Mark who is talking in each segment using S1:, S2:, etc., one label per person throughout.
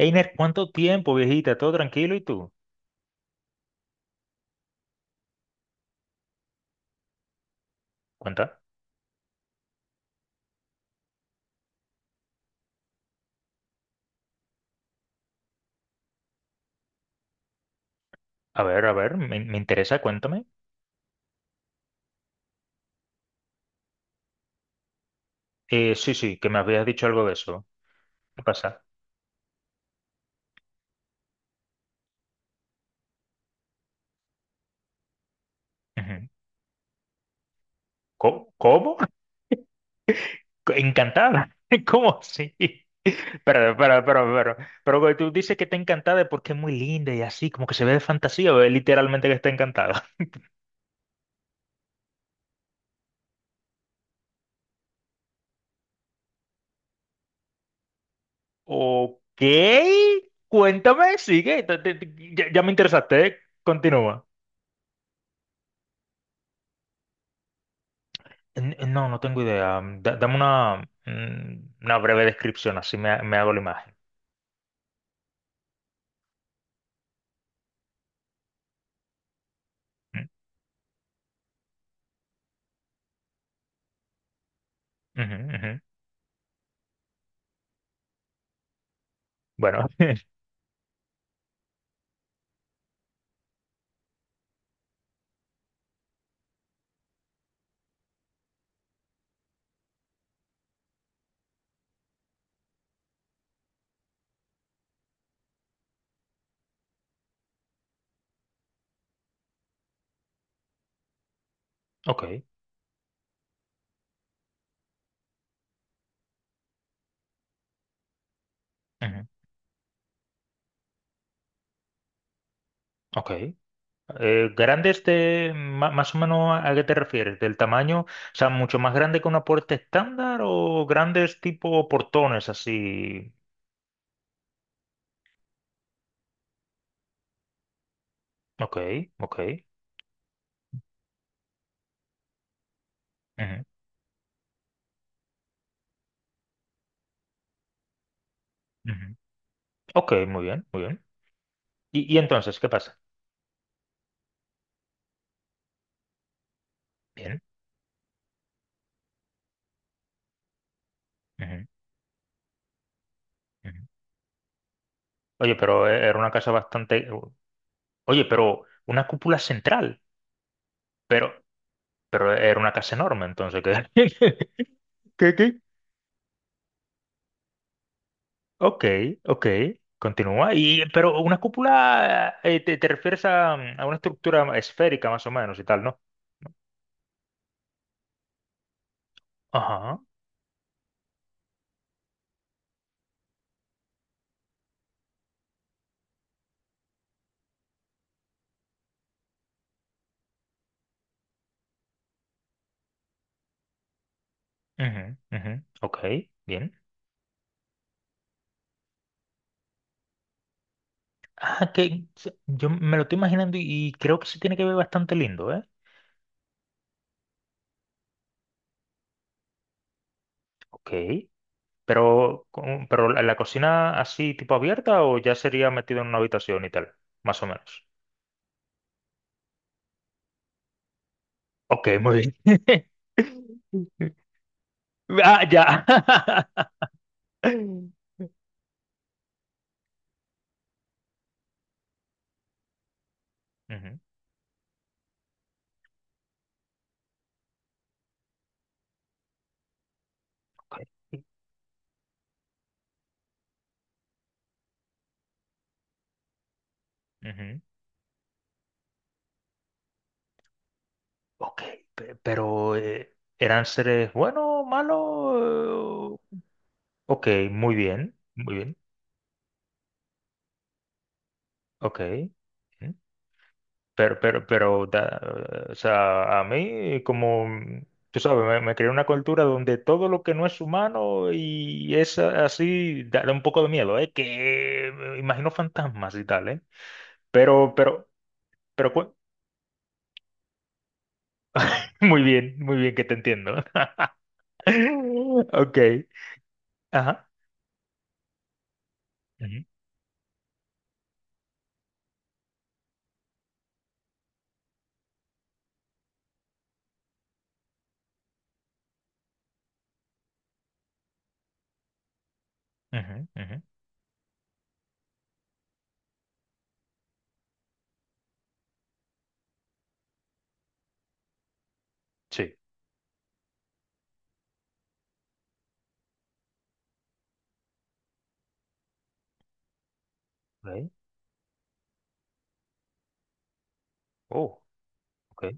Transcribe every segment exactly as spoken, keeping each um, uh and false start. S1: Einer, ¿cuánto tiempo, viejita? ¿Todo tranquilo? ¿Y tú? Cuenta. A ver, a ver, me, me interesa, cuéntame. Eh, sí, sí, que me habías dicho algo de eso. ¿Qué pasa? Ujú. ¿Cómo? ¿Cómo? ¿Encantada? ¿Cómo así? Pero, pero, pero, pero, pero güey, tú dices que está encantada porque es muy linda y así, como que se ve de fantasía, o es literalmente que está encantada. Ok, cuéntame, sigue, te- te- te- ya, ya me interesaste, ¿eh? Continúa. N- eh, No, no tengo idea. Mm, Da- dame una, mm, una breve descripción, así me, ha- me hago la imagen. Mm, ujú, ujú. Bueno, ok, ujú, ok. Eh, ¿grandes de ma- más o menos a, a qué te refieres? ¿Del tamaño? O sea, ¿mucho más grande que una puerta estándar o grandes tipo portones así? Ok, ok. Ujú, ujú. Ok, muy bien, muy bien. ¿Y, y entonces qué pasa? Bien. Ujú, ujú. Oye, pero eh, era una casa bastante. Oye, pero una cúpula central. Pero, pero era una casa enorme, entonces, ¿qué? ¿Qué, qué? Ok, ok, continúa. Y, pero una cúpula, eh, te, te refieres a, a una estructura esférica más o menos y tal, ¿no? Ajá, ujú, ujú, ok, bien. Ah, que se- yo me lo estoy imaginando y, y creo que se tiene que ver bastante lindo, ¿eh? Ok, pero, con- pero la, la cocina así, ¿tipo abierta o ya sería metido en una habitación y tal, más o menos? Ok, muy bien. Ah, ya. Ujú, ok, ujú. Ok, pe- pero eh, ¿eran seres buenos, malos? Eh, Ok, muy bien, muy bien, ok. Ujú. Pero, pero, pero, da- o sea, a mí, como, mm, tú sabes, me, me creé una cultura donde todo lo que no es humano y es a- así, da, da un poco de miedo, ¿eh? Que me imagino fantasmas y tal, ¿eh? Pero, pero, pero, cu- muy bien, muy bien que te entiendo. Ok, ajá. Ujú, ujú, ujú. Sí. Ok. Oh, ok.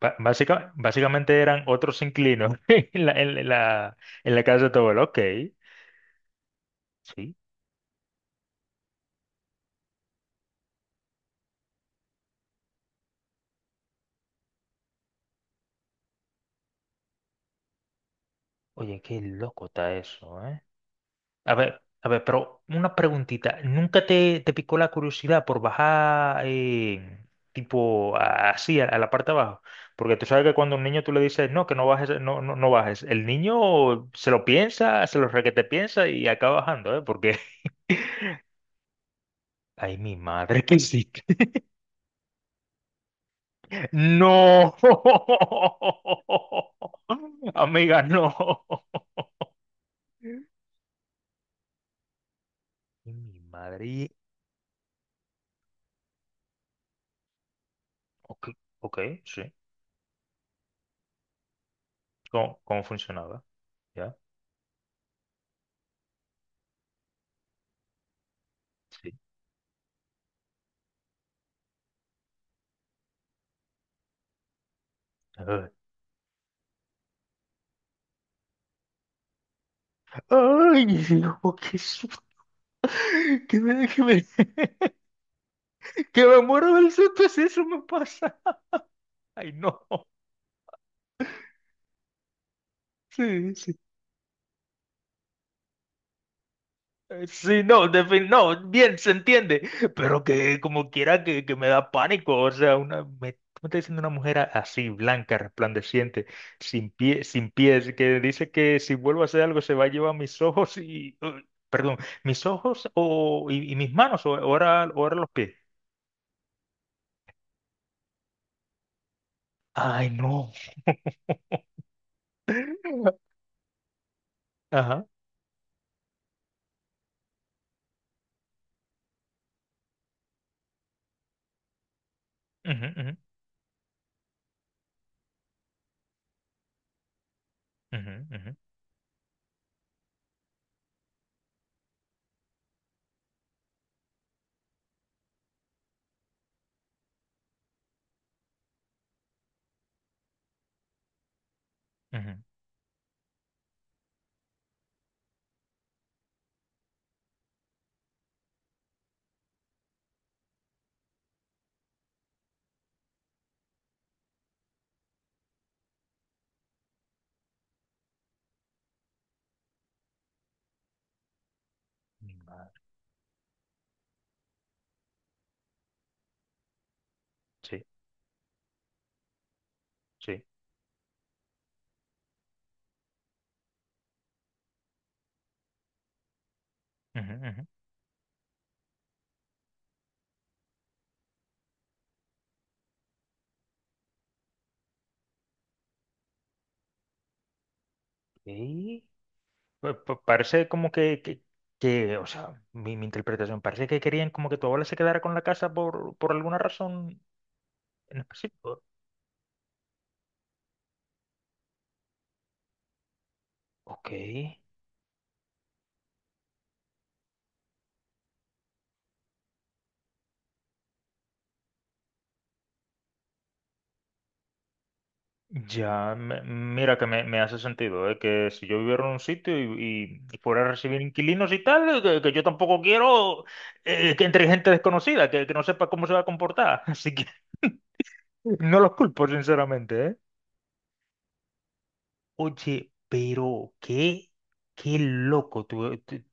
S1: Ba- básica- básicamente eran otros inquilinos en la, en la, en la casa de tu abuelo. Ok. Sí. Oye, qué loco está eso, ¿eh? A ver, a ver, pero una preguntita. ¿Nunca te, te picó la curiosidad por bajar, eh, tipo a- así a, a la parte de abajo? Porque tú sabes que cuando a un niño tú le dices: no, que no bajes, no, no, no bajes, el niño se lo piensa, se lo requete piensa y acaba bajando, ¿eh? Porque Ay, mi madre, que sí. No. Amiga, no. Ay, mi madre. y- Ok, ok, sí. ¿Cómo, cómo funcionaba? ¿Ya? Sí. Ah. Ay, hijo, qué susto. Que me, que me, que me muero del susto si eso me pasa. Ay, no. Sí, sí. Eh, Sí, no, defin- no, bien, se entiende, pero que como quiera que, que me da pánico. O sea, una, me, ¿cómo está diciendo una mujer a- así, blanca, resplandeciente, sin pie, sin pies, que dice que si vuelvo a hacer algo se va a llevar mis ojos y, eh, perdón, mis ojos o, y, y mis manos, o ahora, ahora los pies? Ay, no. Ajá. Ujú, ujú, ujú, ujú, ujú. Mm, ah, sí, sí. Ujú, ujú. Ok. Pa- pa- Parece como que, que, que, o sea, mi, mi interpretación, parece que querían como que tu abuela se quedara con la casa por, por, alguna razón en específico. Ok, ya, me- mira que me, me hace sentido, ¿eh? Que si yo viviera en un sitio y, y- y fuera a recibir inquilinos y tal, eh, que, que yo tampoco quiero, eh, que entre gente desconocida, que, que no sepa cómo se va a comportar. Así que no los culpo, sinceramente, ¿eh? Oye, pero qué, qué loco tú. Te-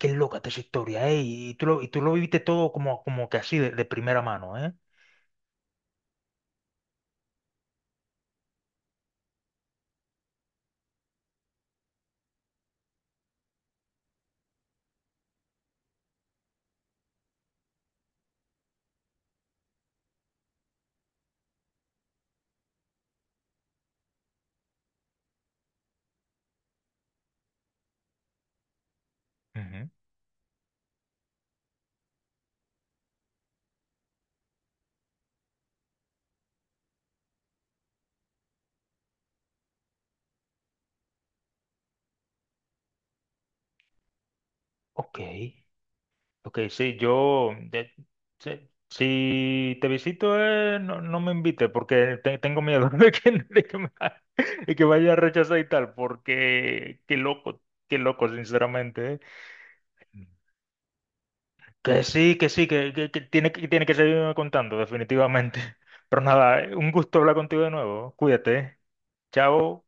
S1: Qué loca esta historia, ¿eh? Y tú lo, y tú lo viviste todo como, como que así de, de primera mano, ¿eh? Ujú. Ok, ok, sí, yo, de- sí, si te visito, eh, no, no me invite porque te- tengo miedo de que, de que me, de que vaya a rechazar y tal, porque qué loco, qué loco, sinceramente, ¿eh? Que sí, que sí, que, que- que tiene, que tiene que seguirme contando, definitivamente. Pero nada, eh, un gusto hablar contigo de nuevo, cuídate, ¿eh? Chao.